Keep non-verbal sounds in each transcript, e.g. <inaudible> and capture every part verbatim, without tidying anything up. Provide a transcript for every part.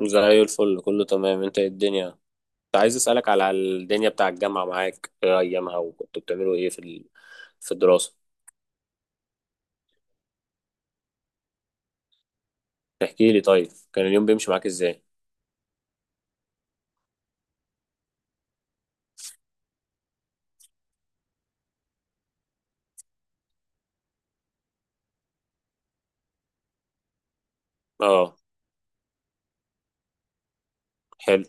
زي الفل، كله تمام. انت ايه الدنيا؟ كنت عايز اسالك على الدنيا بتاع الجامعه. معاك ايه ايامها، وكنتوا بتعملوا ايه في ال... في الدراسه؟ احكي لي طيب، كان اليوم بيمشي معاك ازاي؟ اه، حلو.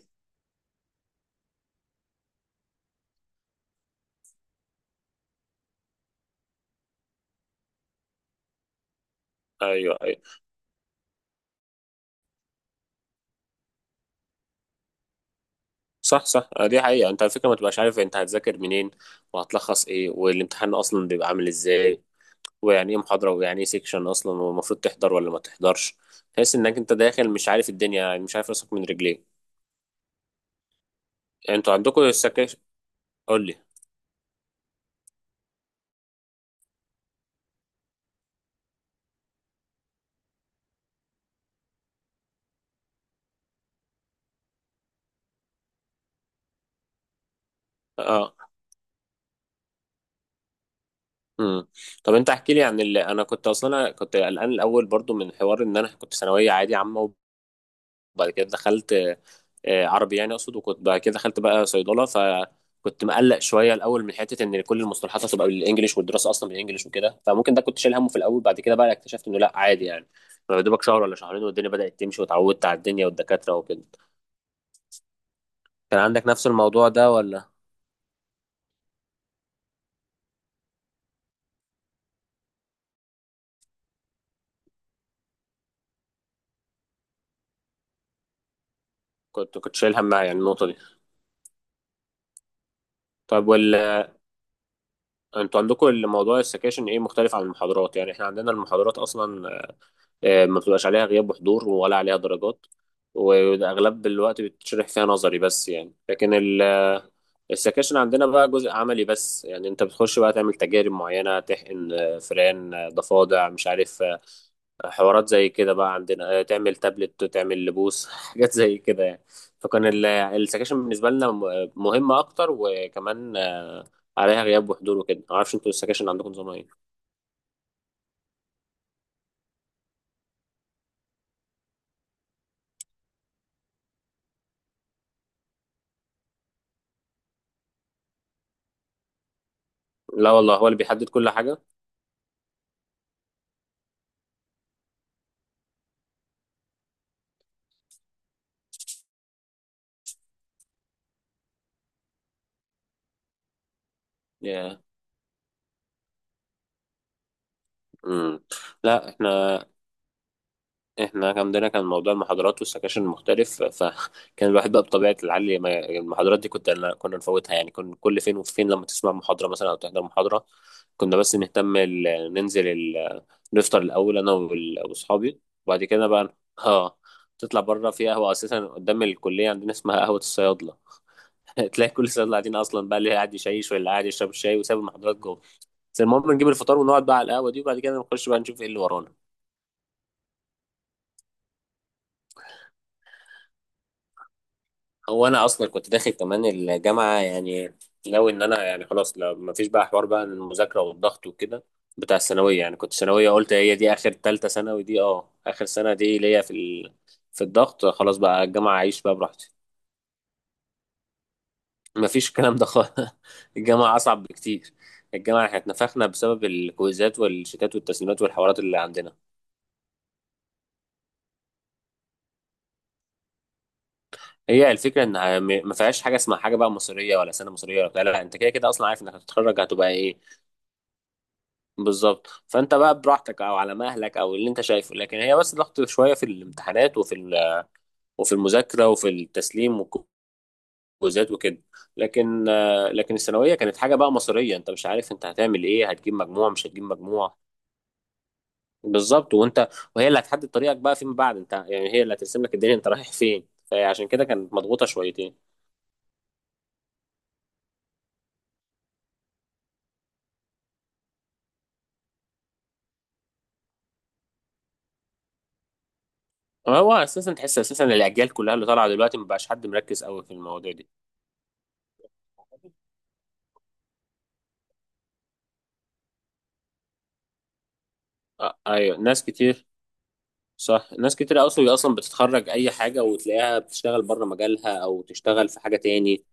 ايوه ايوه. صح صح. اه، دي حقيقه. انت على فكره ما تبقاش عارف انت هتذاكر منين، وهتلخص ايه، والامتحان اصلا بيبقى عامل ازاي، ويعني ايه محاضره، ويعني ايه سيكشن اصلا، والمفروض تحضر ولا ما تحضرش. تحس انك انت داخل مش عارف الدنيا، يعني مش عارف راسك من رجليك. انتوا عندكم السكاشن؟ قول لي. اه. امم. طب انت احكي لي عن اللي انا كنت اصلا أنا كنت قلقان الاول برضو من حوار ان انا كنت ثانويه عادي عامه، وبعد كده دخلت، آه، عربي يعني اقصد. وكنت بعد كده دخلت بقى صيدله، فكنت مقلق شويه الاول من حته ان كل المصطلحات هتبقى بالانجلش، والدراسه اصلا بالانجلش وكده، فممكن ده كنت شايل همه في الاول. بعد كده بقى اكتشفت انه لا، عادي يعني. يا دوبك شهر ولا شهرين والدنيا بدات تمشي، واتعودت على الدنيا والدكاتره وكده. كان عندك نفس الموضوع ده ولا؟ كنت كنت شايل هم يعني النقطه دي؟ طيب، انتوا عندكم الموضوع السكاشن ايه مختلف عن المحاضرات؟ يعني احنا عندنا المحاضرات اصلا آه، ما بتبقاش عليها غياب وحضور ولا عليها درجات، واغلب الوقت بتشرح فيها نظري بس يعني. لكن ال- السكاشن عندنا بقى جزء عملي بس يعني. انت بتخش بقى تعمل تجارب معينة، تحقن آه، فران، آه، ضفادع، مش عارف، آه، حوارات زي كده بقى عندنا. آه، تعمل تابلت، تعمل لبوس <laughs> حاجات زي كده يعني. فكان ال- السكاشن بالنسبة لنا م- مهمة اكتر، وكمان آه، عليها غياب وحضور وكده. معرفش انتوا السكاشن عندكم نظام ايه. لا والله، هو اللي بيحدد كل حاجة. ياه. امم. لا احنا. احنا كان عندنا كان موضوع المحاضرات والسكاشن مختلف، فكان <laughs> الواحد بقى بطبيعة العلي ما المحاضرات دي كنت أنا كنا نفوتها يعني. كنا كل فين وفين لما تسمع محاضرة مثلا أو تحضر محاضرة. كنا بس نهتم ال... ننزل ال... نفطر الأول، أنا وال- وأصحابي، وبعد كده بقى اه تطلع بره في قهوة أساسا قدام الكلية، عندنا اسمها قهوة الصيادلة. <laughs> تلاقي كل الصيادلة قاعدين أصلا بقى، اللي قاعد يشيش واللي قاعد يشرب الشاي وساب المحاضرات. بس المهم نجيب الفطار ونقعد بقى على القهوة دي، وبعد كده نخش بقى نشوف ايه اللي ورانا. هو انا اصلا كنت داخل كمان الجامعة يعني ناوي ان انا يعني خلاص، لو ما فيش بقى حوار بقى المذاكرة والضغط وكده بتاع الثانوية يعني. كنت ثانوية، قلت هي دي اخر تالتة ثانوي دي، اه اخر سنة دي ليا في ال... في الضغط. خلاص بقى الجامعة اعيش بقى براحتي. ما فيش الكلام ده خالص. <laughs> الجامعة اصعب بكتير. الجامعة احنا اتنفخنا بسبب الكويزات والشتات والتسليمات والحوارات اللي عندنا. هي الفكره ان م- ما فيهاش حاجه اسمها حاجه بقى مصريه ولا سنه مصريه ولا بتاع. لا، انت كده كده اصلا عارف انك هتتخرج هتبقى ايه. بالظبط، فانت بقى براحتك او على مهلك او اللي انت شايفه. لكن هي بس ضغط شويه في الامتحانات وفي ال- وفي المذاكره وفي التسليم والكوزات وكده. لكن آه، لكن الثانويه كانت حاجه بقى مصريه، انت مش عارف انت هتعمل ايه، هتجيب مجموع مش هتجيب مجموع. بالظبط. وانت، وهي اللي هتحدد طريقك بقى فيما بعد. انت يعني هي اللي هترسم لك الدنيا انت رايح فين، فعشان كده كانت مضغوطه شويتين. هو اساسا تحس اساسا الاجيال كلها اللي طالعه دلوقتي مبقاش حد مركز قوي في المواضيع دي. آه ايوه، ناس كتير. صح، ناس كتير اصلا اصلا بتتخرج اي حاجه وتلاقيها بتشتغل بره مجالها او تشتغل في حاجه تاني.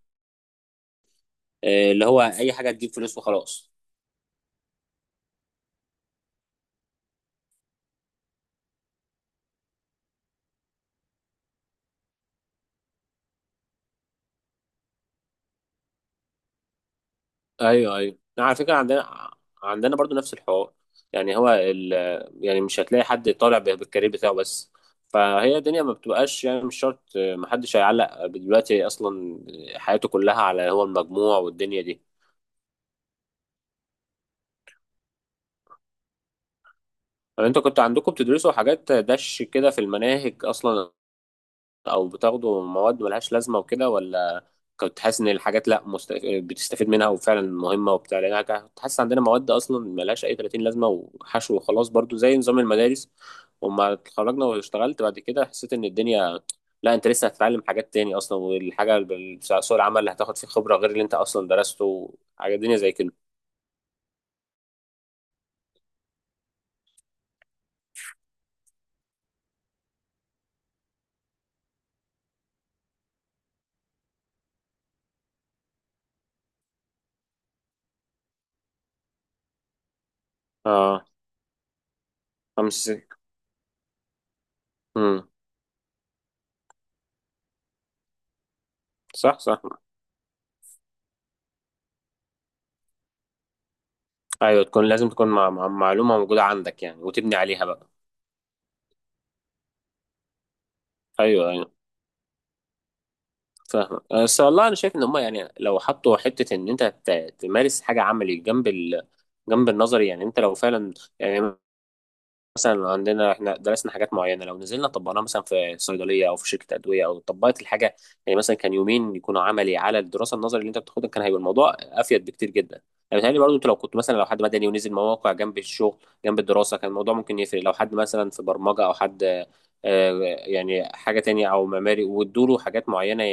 آه، اللي هو اي حاجه تجيب فلوس وخلاص. ايوه ايوه، على فكره عندنا. عندنا برضو نفس الحوار. يعني هو ال... يعني مش هتلاقي حد طالع ب- بالكارير بتاعه بس. فهي الدنيا ما بتبقاش يعني مش شرط آه، محدش هيعلق دلوقتي اصلا حياته كلها على هو المجموع والدنيا دي. طب انتوا كنتوا عندكم بتدرسوا حاجات دش كده في المناهج اصلا، او بتاخدوا مواد ملهاش لازمه وكده، ولا كنت حاسس ان الحاجات لا مست... بتستفيد منها وفعلا مهمه وبتاع؟ لان انا كنت حاسس عندنا مواد اصلا ملهاش اي ثلاثين لازمه وحشو وخلاص برضو زي نظام المدارس. وما اتخرجنا واشتغلت بعد كده، حسيت ان الدنيا لا، انت لسه هتتعلم حاجات تاني اصلا، والحاجه بال- بتاع سوق العمل اللي هتاخد فيه خبره غير اللي انت اصلا درسته. حاجه الدنيا زي كده. اه. خمس. امم. صح صح. ايوه، تكون لازم تكون مع مع معلومه موجوده عندك يعني، وتبني عليها بقى. ايوه ايوه، فاهمك. بس والله انا شايف ان هم يعني لو حطوا حته ان انت ت- تمارس حاجه عملي جنب ال... جنب النظري. يعني انت لو فعلا يعني مثلا عندنا احنا درسنا حاجات معينه، لو نزلنا طبقناها مثلا في صيدليه او في شركه ادويه او طبقت الحاجه. يعني مثلا كان يومين يكونوا عملي على الدراسه النظري اللي انت بتاخدها، كان هيبقى الموضوع افيد بكتير جدا. يعني بيتهيألي برضه انت لو كنت مثلا، لو حد مدني ونزل مواقع جنب الشغل جنب الدراسه، كان الموضوع ممكن يفرق. لو حد مثلا في برمجه او حد آه، يعني حاجه تانية، او معماري وادوله حاجات معينه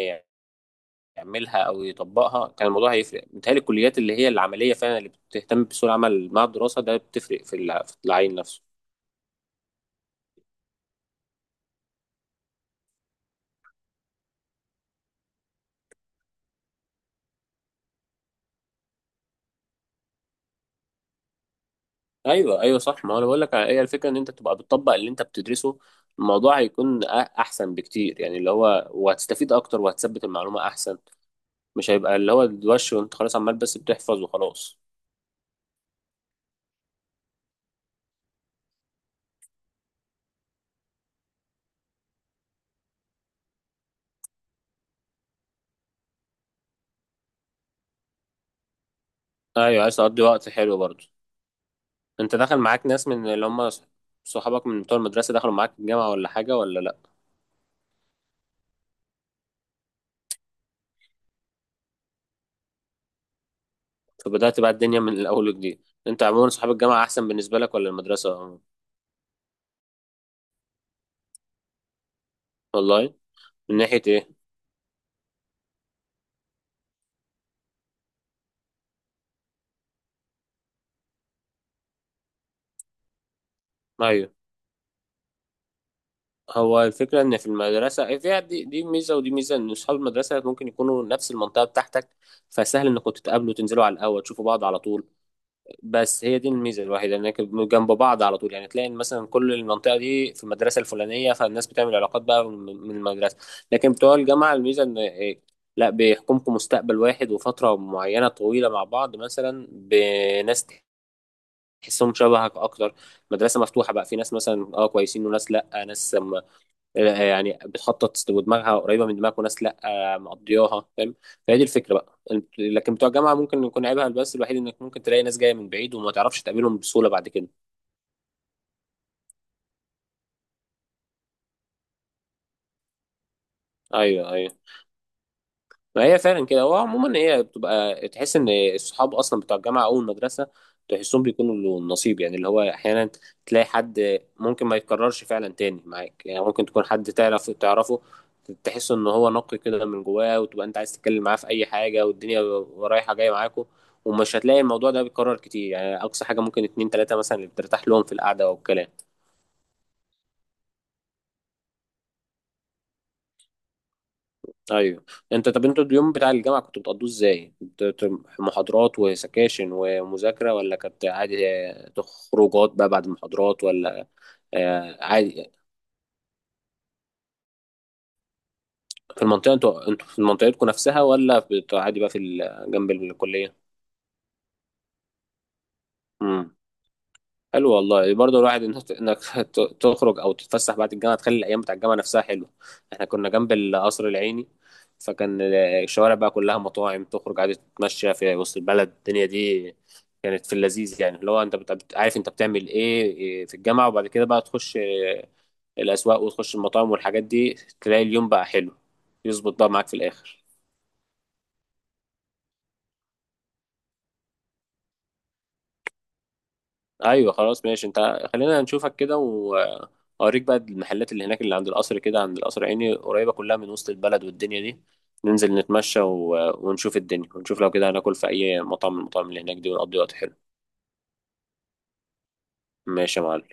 يعملها او يطبقها، كان الموضوع هيفرق. بيتهيألي الكليات اللي هي العمليه فعلا اللي بتهتم بسوق العمل مع الدراسه ده بتفرق في الع- في العين نفسه. ايوه ايوه، صح. ما هو انا بقول لك هي الفكره ان انت تبقى بتطبق اللي انت بتدرسه، الموضوع هيكون أ- احسن بكتير يعني. اللي هو وهتستفيد اكتر وهتثبت المعلومه احسن. مش هيبقى اللي هو الوش، وانت خلاص عمال بس بتحفظ وخلاص. ايوه، عايز تقضي وقت حلو برضه. انت دخل معاك ناس من اللي هم صح- صحابك من بتوع المدرسه دخلوا معاك الجامعه، ولا حاجه ولا لا؟ فبدات بقى الدنيا من الاول وجديد. انت عموما صحاب الجامعه احسن بالنسبه لك ولا المدرسه؟ والله. من ناحيه ايه؟ ايوه. هو الفكرة إن في المدرسة، إيه، فيها دي, دي ميزة، ودي ميزة إن أصحاب المدرسة ممكن يكونوا نفس المنطقة بتاعتك، فسهل إنكم تتقابلوا، تنزلوا على القهوة تشوفوا بعض على طول. بس هي دي الميزة الوحيدة، إنك جنب بعض على طول. يعني تلاقي إن مثلا كل المنطقة دي في المدرسة الفلانية، فالناس بتعمل علاقات بقى من من المدرسة. لكن بتوع الجامعة الميزة إن إيه، لا، بيحكمكم مستقبل واحد وفترة معينة طويلة مع بعض مثلا، بناس تحسهم شبهك أكتر. مدرسة مفتوحة بقى، في ناس مثلا أه كويسين، وناس لأ، ناس آه، يعني بتخطط ودماغها قريبه من دماغك، وناس لا آه، مقضياها، فاهم. فهي دي الفكره بقى. أنت- لكن بتوع الجامعه ممكن يكون عيبها بس الوحيد انك ممكن تلاقي ناس جايه من بعيد وما تعرفش تقابلهم بسهوله بعد كده. ايوه ايوه. ما هي فعلا كده. هو عموما هي بتبقى تحس ان الصحاب اصلا بتوع الجامعه او المدرسه، تحسهم بيكونوا له النصيب يعني. اللي هو احيانا تلاقي حد ممكن ما يتكررش فعلا تاني معاك يعني. ممكن تكون حد تعرف تعرفه تحس ان هو نقي كده من جواه، وتبقى انت عايز تتكلم معاه في اي حاجه والدنيا رايحه جايه معاكوا. ومش هتلاقي الموضوع ده بيتكرر كتير يعني. اقصى حاجه ممكن اتنين تلاته مثلا اللي بترتاح لهم في القعده والكلام. ايوه. انت طب انتوا اليوم بتاع الجامعه كنتوا بتقضوه ازاي؟ كنت- كنت محاضرات وسكاشن ومذاكره، ولا كانت عادي آه، خروجات بقى بعد المحاضرات ولا؟ آه، عادي. في المنطقه انتوا انتوا في منطقتكم نفسها، ولا بت- عادي بقى في ال- جنب الكليه؟ حلو والله. برضه الواحد انك إنك <laughs> ت- تخرج او تتفسح بعد الجامعه، تخلي الايام بتاع الجامعه نفسها حلوه. احنا كنا جنب القصر العيني، فكان الشوارع بقى كلها مطاعم، تخرج عادي تتمشى في وسط البلد. الدنيا دي كانت في اللذيذ يعني. اللي هو انت بت- بت- عارف انت بتعمل ايه إيه في الجامعه، وبعد كده بقى تخش آه، الاسواق وتخش المطاعم والحاجات دي، تلاقي اليوم بقى حلو يظبط بقى معاك في الاخر. ايوه خلاص ماشي. انت خلينا نشوفك كده، واوريك بقى المحلات اللي هناك، اللي عند القصر كده، عند القصر عيني، قريبه كلها من وسط البلد والدنيا دي. ننزل نتمشى و... ونشوف الدنيا، ونشوف لو كده هناكل في اي مطعم من المطاعم اللي هناك دي، ونقضي وقت حلو. ماشي يا معلم.